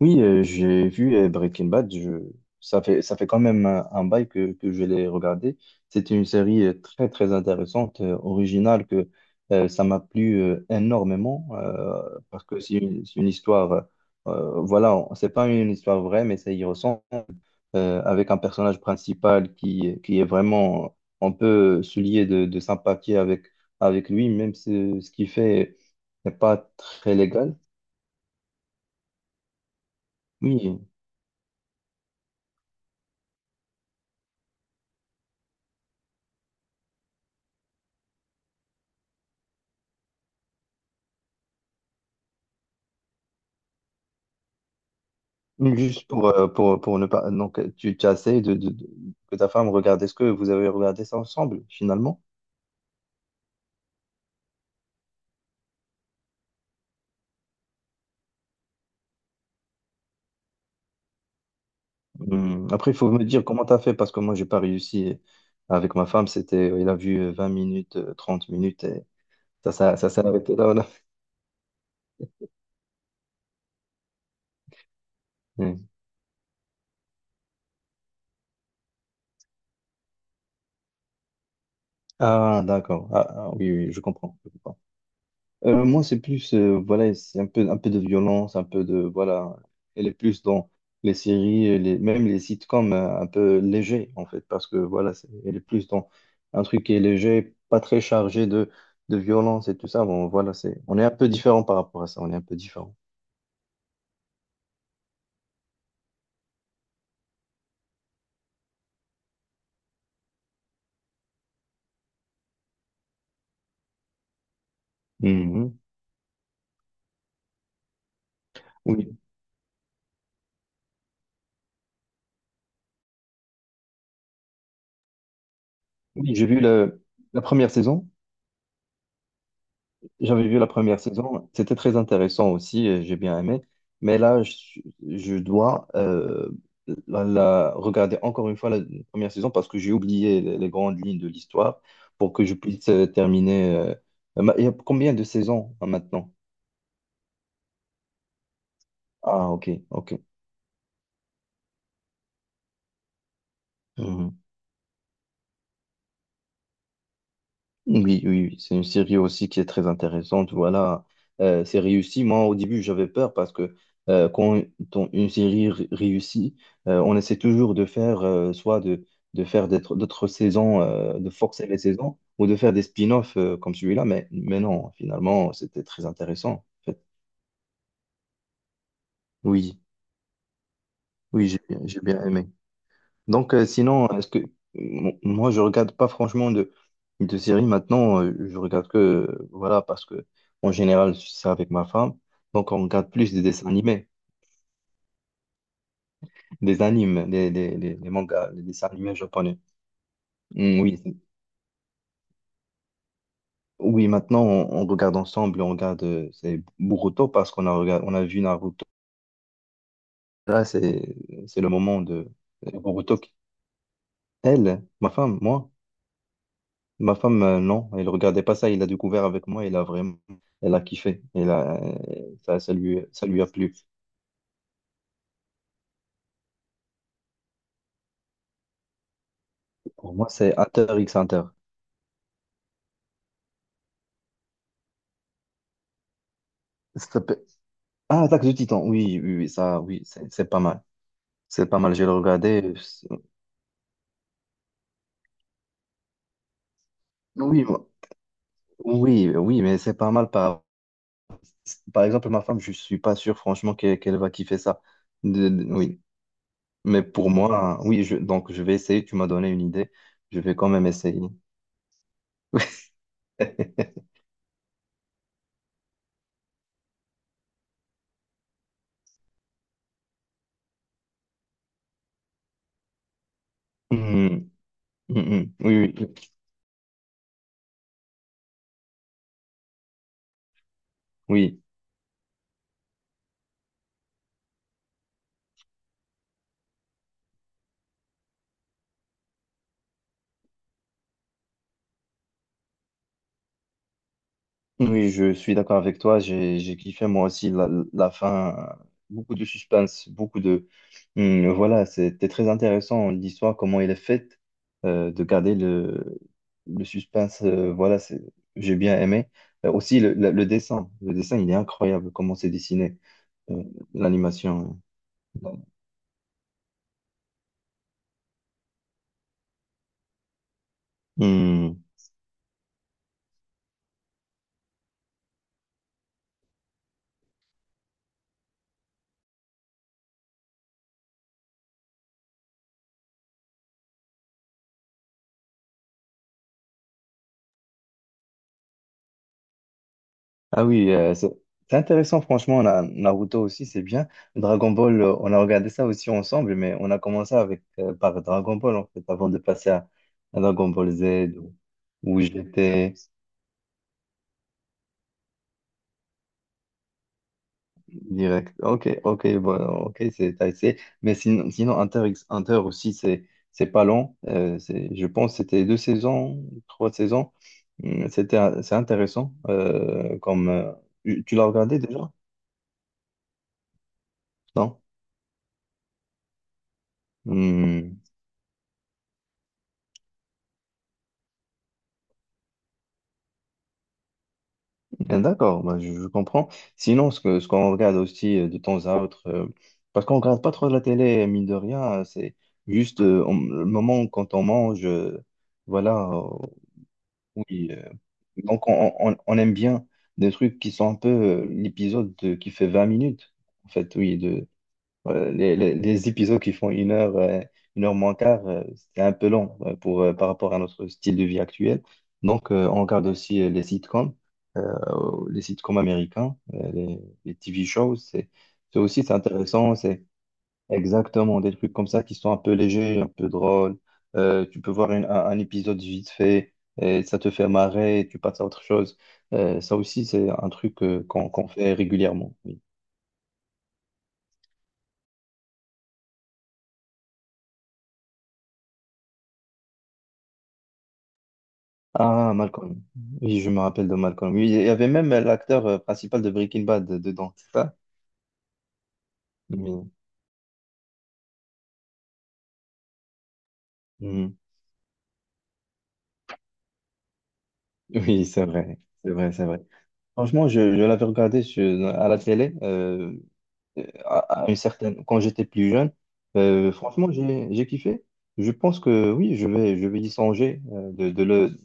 Oui, j'ai vu Breaking Bad. Ça fait quand même un bail que je l'ai regardé. C'était une série très, très intéressante, originale, que ça m'a plu énormément, parce que c'est une histoire, voilà, c'est pas une histoire vraie, mais ça y ressemble, avec un personnage principal qui est vraiment, on peut se lier de sympathie avec lui, même si ce qu'il fait n'est pas très légal. Oui. Juste pour ne pas. Donc, tu as essayé que ta femme regarde. Est-ce que vous avez regardé ça ensemble, finalement? Après, il faut me dire comment tu as fait, parce que moi, j'ai pas réussi, avec ma femme. C'était, il a vu 20 minutes, 30 minutes, et ça s'est arrêté là, voilà. Hum. Ah, d'accord. Ah, oui, oui, je comprends. Moi, c'est plus, voilà, c'est un peu de violence, un peu de, voilà, elle est plus dans les séries, et les, même les sitcoms, un peu légers, en fait, parce que, voilà, elle est plus dans un truc qui est léger, pas très chargé de violence et tout ça. Bon, voilà, c'est, on est un peu différent par rapport à ça, on est un peu différent. Mhm. Oui, oui, j'ai vu la première saison. J'avais vu la première saison, c'était très intéressant aussi, et j'ai bien aimé. Mais là, je dois regarder encore une fois la première saison parce que j'ai oublié les grandes lignes de l'histoire pour que je puisse terminer. Il y a combien de saisons, hein, maintenant? Ah, ok, ok. Oui, oui, oui, c'est une série aussi qui est très intéressante. Voilà. C'est réussi. Moi, au début, j'avais peur parce que, quand une série réussit, on essaie toujours de faire soit de faire d'autres saisons, de forcer les saisons, ou de faire des spin-offs, comme celui-là. Mais non, finalement, c'était très intéressant, en fait. Oui, oui, j'ai bien aimé. Donc, sinon, est-ce que moi, je regarde pas franchement de séries maintenant. Je regarde que, voilà, parce que en général, c'est avec ma femme. Donc, on regarde plus des dessins animés, des animes, des mangas, des dessins animés japonais. Mm, oui, oui, maintenant, on regarde ensemble, on regarde, c'est Boruto parce qu'on a vu Naruto. Là, c'est le moment de Boruto. Elle, ma femme, moi. Ma femme, non, elle regardait pas ça. Il a découvert avec moi. Elle a kiffé. Elle a, ça, ça lui, Ça lui a plu. Pour moi, c'est Hunter x Hunter. Ça s'appelle- Ah, Attaque du Titan. Oui, oui, oui, ça, oui, c'est pas mal. C'est pas mal. J'ai regardé. Oui, oui, oui, mais c'est pas mal. Par exemple, ma femme, je suis pas sûr, franchement, qu'elle va kiffer ça. Oui, mais pour moi, oui. Donc, je vais essayer. Tu m'as donné une idée. Je vais quand même essayer. Mhm, mhm, oui, oui. Oui. Oui. Oui, je suis d'accord avec toi. J'ai kiffé moi aussi la fin. Beaucoup de suspense, beaucoup de. Voilà, c'était très intéressant l'histoire, comment elle est faite, de garder le suspense. Voilà, c'est, j'ai bien aimé. Aussi, le dessin. Le dessin, il est incroyable, comment c'est dessiné, euh, l'animation. Hum. Ah oui, c'est intéressant, franchement. Naruto aussi, c'est bien. Dragon Ball, on a regardé ça aussi ensemble, mais on a commencé avec, par Dragon Ball, en fait, avant de passer à Dragon Ball Z ou j'étais direct. Ok, ok, bon, ok, c'est t'as essayé. Mais sinon Hunter x Hunter aussi, c'est pas long. C'est, je pense que c'était deux saisons, trois saisons. C'était, c'est intéressant. Comme, tu l'as regardé déjà? Non? Hum. Bien, d'accord, bah, je comprends. Sinon, ce qu'on regarde aussi, de temps à autre, parce qu'on regarde pas trop la télé, mine de rien, c'est juste le moment quand on mange, voilà, oui. Donc, on aime bien des trucs qui sont un peu, qui fait 20 minutes, en fait, oui, les épisodes qui font une heure moins quart, c'est un peu long, pour, par rapport à notre style de vie actuel. Donc, on regarde aussi euh, les sitcoms américains, les TV shows. C'est aussi, c'est intéressant. C'est exactement des trucs comme ça qui sont un peu légers, un peu drôles. Tu peux voir un épisode vite fait et ça te fait marrer et tu passes à autre chose. Ça aussi, c'est un truc, qu'on fait régulièrement. Ah, Malcolm. Oui, je me rappelle de Malcolm. Oui, il y avait même l'acteur, principal de Breaking Bad dedans, c'est ça? Oui. Mhm. Oui, c'est vrai. C'est vrai, c'est vrai. Franchement, je l'avais regardé à la télé, à une certaine, quand j'étais plus jeune. Franchement, j'ai kiffé. Je pense que oui, je vais y songer,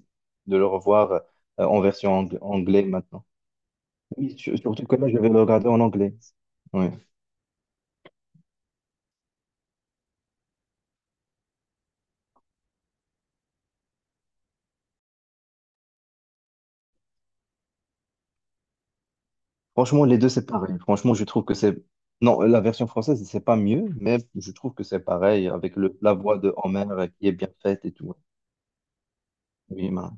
de le revoir, en version anglais maintenant. Oui, surtout que là, je vais le regarder en anglais. Oui. Franchement, les deux, c'est... Ah, pareil. Franchement, je trouve que c'est... Non, la version française, c'est pas mieux, mais je trouve que c'est pareil avec la voix de Homer qui est bien faite et tout. Oui, ben.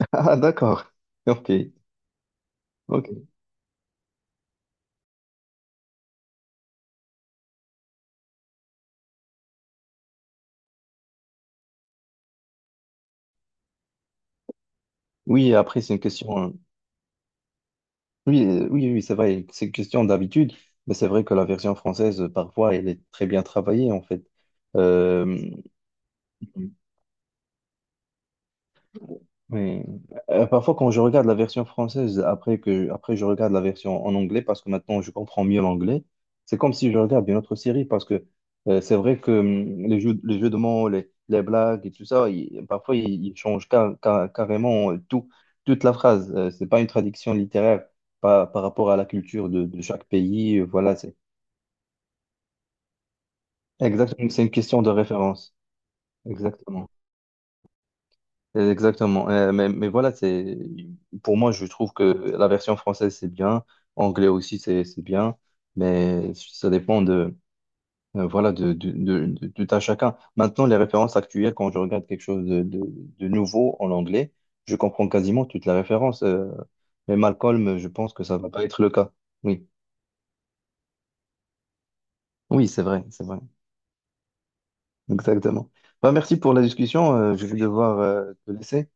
Ah, d'accord. Ok, ok. Oui, après, c'est une question... Oui, oui, oui, c'est vrai, c'est une question d'habitude, mais c'est vrai que la version française, parfois, elle est très bien travaillée, en fait. Euh, Oui. Parfois, quand je regarde la version française, après je regarde la version en anglais, parce que maintenant je comprends mieux l'anglais, c'est comme si je regarde une autre série, parce que c'est vrai que les jeux de mots, les blagues et tout ça, parfois ils changent carrément toute la phrase. C'est pas une traduction littéraire par rapport à la culture de chaque pays. Voilà, c'est exactement, c'est une question de référence. Exactement. Exactement. Mais voilà, c'est, pour moi, je trouve que la version française, c'est bien. Anglais aussi, c'est bien. Mais ça dépend de, voilà, de tout à chacun. Maintenant, les références actuelles, quand je regarde quelque chose de nouveau en anglais, je comprends quasiment toutes les références. Mais Malcolm, je pense que ça va pas être le cas. Oui, oui, c'est vrai, c'est vrai. Exactement. Bah, merci pour la discussion. Je vais devoir te laisser.